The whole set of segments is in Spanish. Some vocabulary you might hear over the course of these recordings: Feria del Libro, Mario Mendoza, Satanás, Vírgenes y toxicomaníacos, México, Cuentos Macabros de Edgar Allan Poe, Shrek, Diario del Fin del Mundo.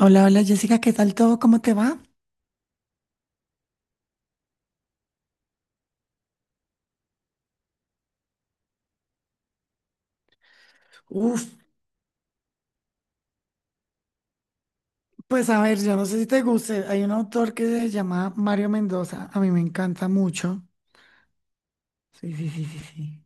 Hola, hola Jessica, ¿qué tal todo? ¿Cómo te va? Uf, pues a ver, yo no sé si te guste. Hay un autor que se llama Mario Mendoza. A mí me encanta mucho. Sí, sí, sí, sí, sí.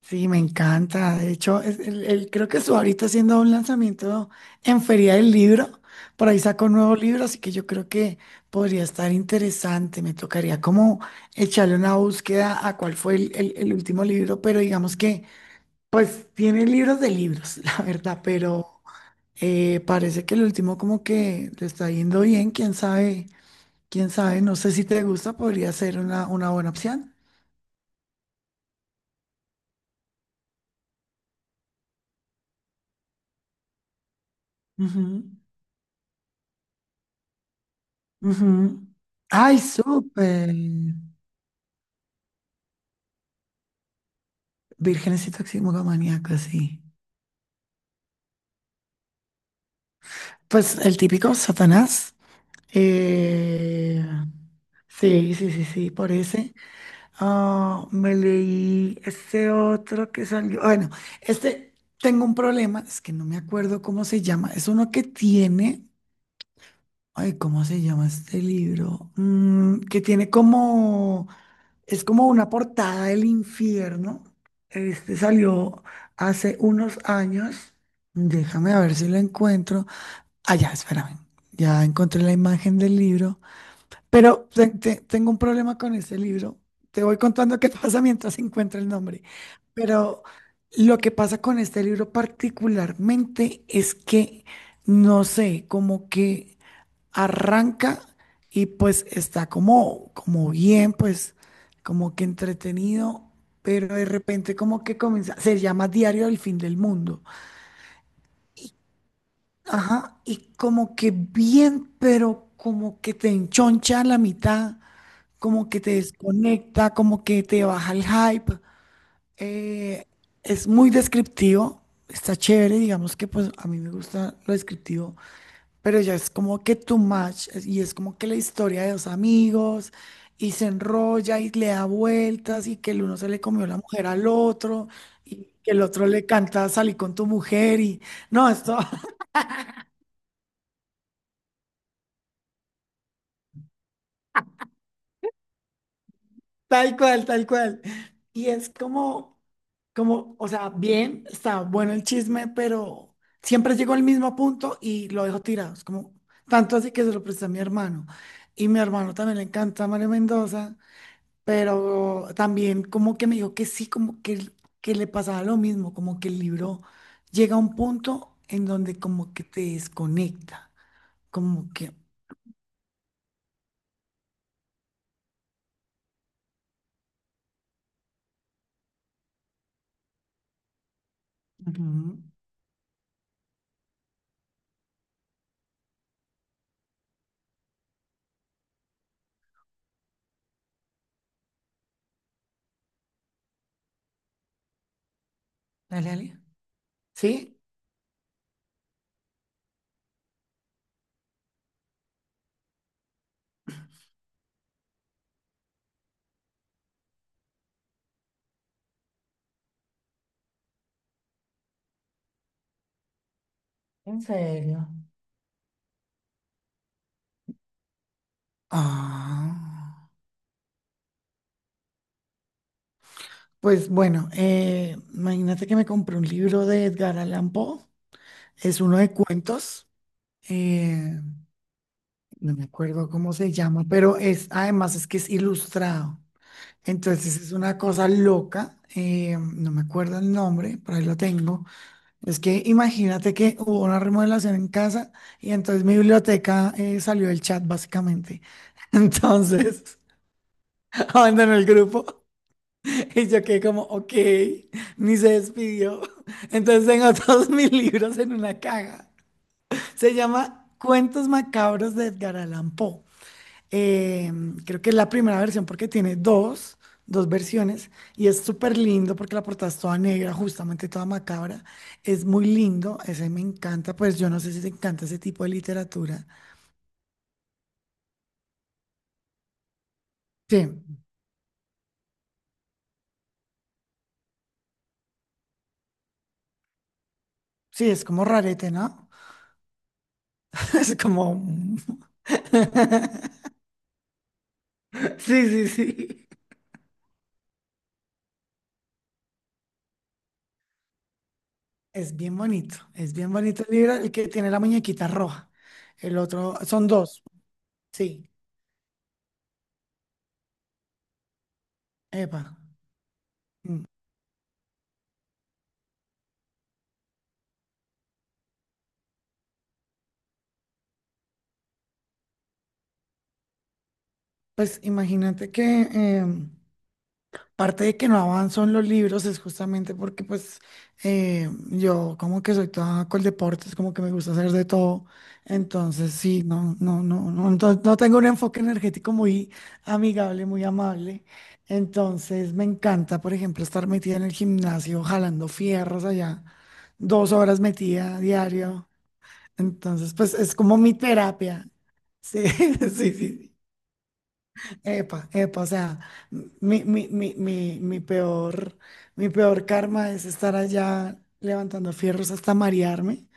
Sí, me encanta. De hecho, él creo que estuvo ahorita haciendo un lanzamiento en Feria del Libro. Por ahí sacó un nuevo libro, así que yo creo que podría estar interesante. Me tocaría como echarle una búsqueda a cuál fue el último libro, pero digamos que pues tiene libros de libros, la verdad, pero... parece que el último como que le está yendo bien, quién sabe, no sé si te gusta, podría ser una buena opción. Ujú, ujú. Ay, súper. Vírgenes y toxicomaníacos, sí. Pues el típico Satanás. Eh, sí, sí, sí, sí, por ese. Ah, me leí este otro que salió. Bueno, este tengo un problema, es que no me acuerdo cómo se llama. Es uno que tiene. Ay, ¿cómo se llama este libro? Que tiene como, es como una portada del infierno. Este salió hace unos años. Déjame a ver si lo encuentro. Ah, ya, espérame. Ya encontré la imagen del libro. Pero tengo un problema con este libro. Te voy contando qué pasa mientras encuentro el nombre. Pero lo que pasa con este libro particularmente es que no sé, como que arranca y pues está como, bien, pues como que entretenido, pero de repente como que comienza, se llama Diario del Fin del Mundo. Y, ajá, y como que bien, pero como que te enchoncha a la mitad, como que te desconecta, como que te baja el hype. Eh, es muy descriptivo, está chévere, digamos que pues a mí me gusta lo descriptivo. Pero ya es como que too much, y es como que la historia de dos amigos y se enrolla y le da vueltas y que el uno se le comió la mujer al otro y que el otro le canta "salí con tu mujer", y no, esto tal cual, tal cual. Y es como, o sea, bien, está bueno el chisme, pero siempre llego al mismo punto y lo dejo tirado. Es como, tanto así que se lo presté a mi hermano. Y mi hermano también le encanta Mario Mendoza, pero también como que me dijo que sí, como que, que le pasaba lo mismo, como que el libro llega a un punto en donde como que te desconecta, como que... Ujú. Dale, dale. ¿Sí? ¿En serio? Ah, pues bueno, imagínate que me compré un libro de Edgar Allan Poe, es uno de cuentos, eh, no me acuerdo cómo se llama, pero además es que es ilustrado. Entonces es una cosa loca, no me acuerdo el nombre, por ahí lo tengo. Es que imagínate que hubo una remodelación en casa y entonces mi biblioteca salió del chat básicamente. Entonces abandonó el grupo y yo quedé como, ok, ni se despidió. Entonces tengo todos mis libros en una caja. Se llama Cuentos Macabros de Edgar Allan Poe. Eh, creo que es la primera versión porque tiene dos versiones, y es súper lindo porque la portada es toda negra, justamente toda macabra. Es muy lindo, ese me encanta, pues yo no sé si te encanta ese tipo de literatura. Sí, sí, es como rarete, ¿no? Es como... mm. Sí, sí, sí. Es bien bonito el libro, el que tiene la muñequita roja. El otro, son dos, sí, epa. Mm. Pues imagínate que em, Parte de que no avanzo en los libros es justamente porque pues yo como que soy toda con deportes, como que me gusta hacer de todo. Entonces sí, no, no, no, no, no, no tengo un enfoque energético muy amigable, muy amable. Entonces me encanta, por ejemplo, estar metida en el gimnasio, jalando fierros allá, dos horas metida diario. Entonces pues es como mi terapia. Sí, sí, sí, sí. Epa, epa, o sea, mi, mi, mi, mi, mi peor, mi peor karma es estar allá levantando fierros hasta marearme,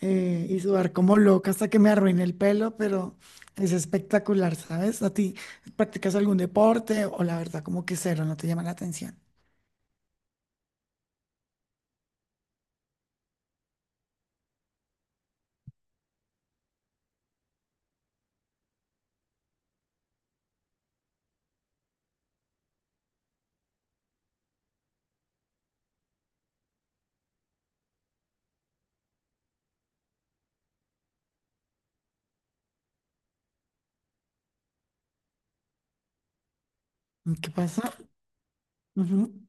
y sudar como loca hasta que me arruine el pelo, pero es espectacular, ¿sabes? ¿A ti practicas algún deporte o la verdad como que cero, no te llama la atención? ¿Qué pasa? Ujú.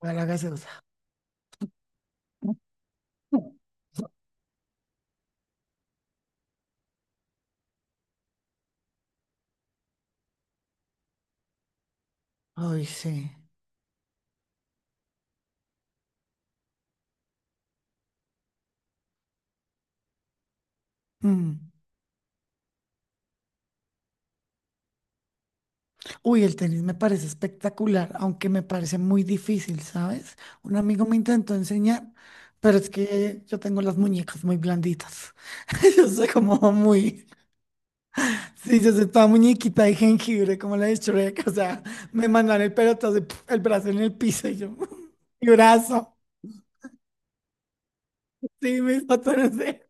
Voy a la gaseosa. Ay, sí. Mm. Uy, el tenis me parece espectacular, aunque me parece muy difícil, ¿sabes? Un amigo me intentó enseñar, pero es que yo tengo las muñecas muy blanditas. Yo soy como muy... Sí, yo soy toda muñequita de jengibre, como la de Shrek. O sea, me mandan el pelotazo, y ¡puf! El brazo en el piso y yo... Mi brazo. Sí, mis botones,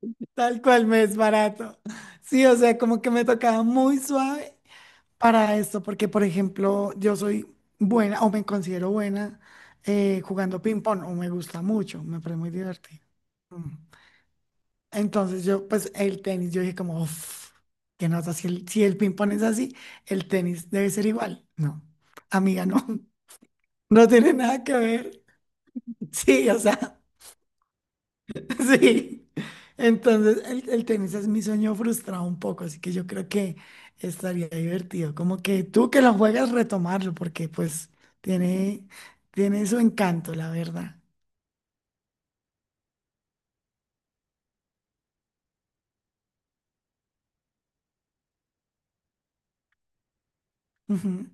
tal cual me es barato. Sí, o sea, como que me tocaba muy suave para esto, porque por ejemplo, yo soy buena o me considero buena jugando ping pong, o me gusta mucho, me parece muy divertido. Mm. Entonces yo, pues el tenis, yo dije como, uff, qué nota, si el ping pong es así, el tenis debe ser igual. No, amiga, no, no tiene nada que ver. Sí, o sea. Sí. Entonces, el tenis es mi sueño frustrado un poco, así que yo creo que estaría divertido. Como que tú que lo juegas, retomarlo, porque pues tiene, tiene su encanto, la verdad. Ujú.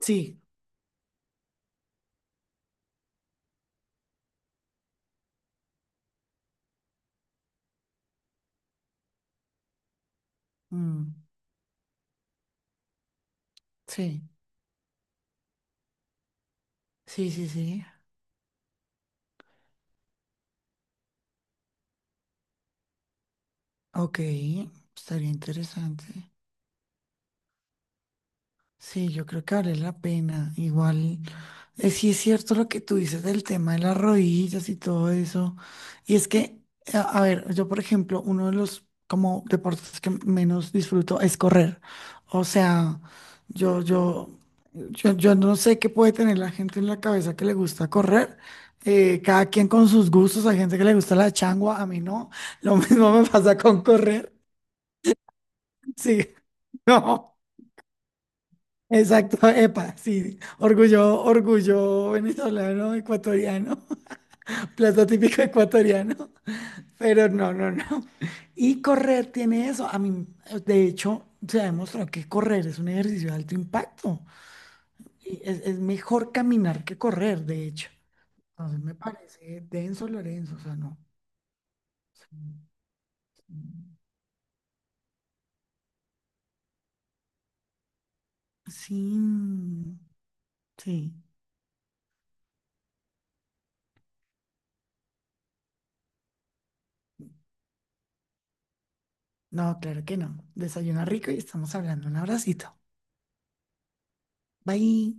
Sí, mm, sí, sí, sí, sí. Ok, estaría interesante. Sí, yo creo que vale la pena. Igual. Sí es cierto lo que tú dices del tema de las rodillas y todo eso. Y es que, a ver, yo por ejemplo, uno de los como deportes que menos disfruto es correr. O sea, yo, yo, yo no sé qué puede tener la gente en la cabeza que le gusta correr. Cada quien con sus gustos, hay gente que le gusta la changua, a mí no. Lo mismo me pasa con correr. Sí. No, exacto, epa, sí, orgullo, orgullo venezolano, ecuatoriano. Plato típico ecuatoriano, pero no, no, no. Y correr tiene eso. A mí, de hecho, se ha demostrado que correr es un ejercicio de alto impacto. Y es mejor caminar que correr, de hecho. Entonces me parece denso, Lorenzo, o sea, no. Sí, sí. No, claro que no. Desayuna rico y estamos hablando. Un abracito. Bye.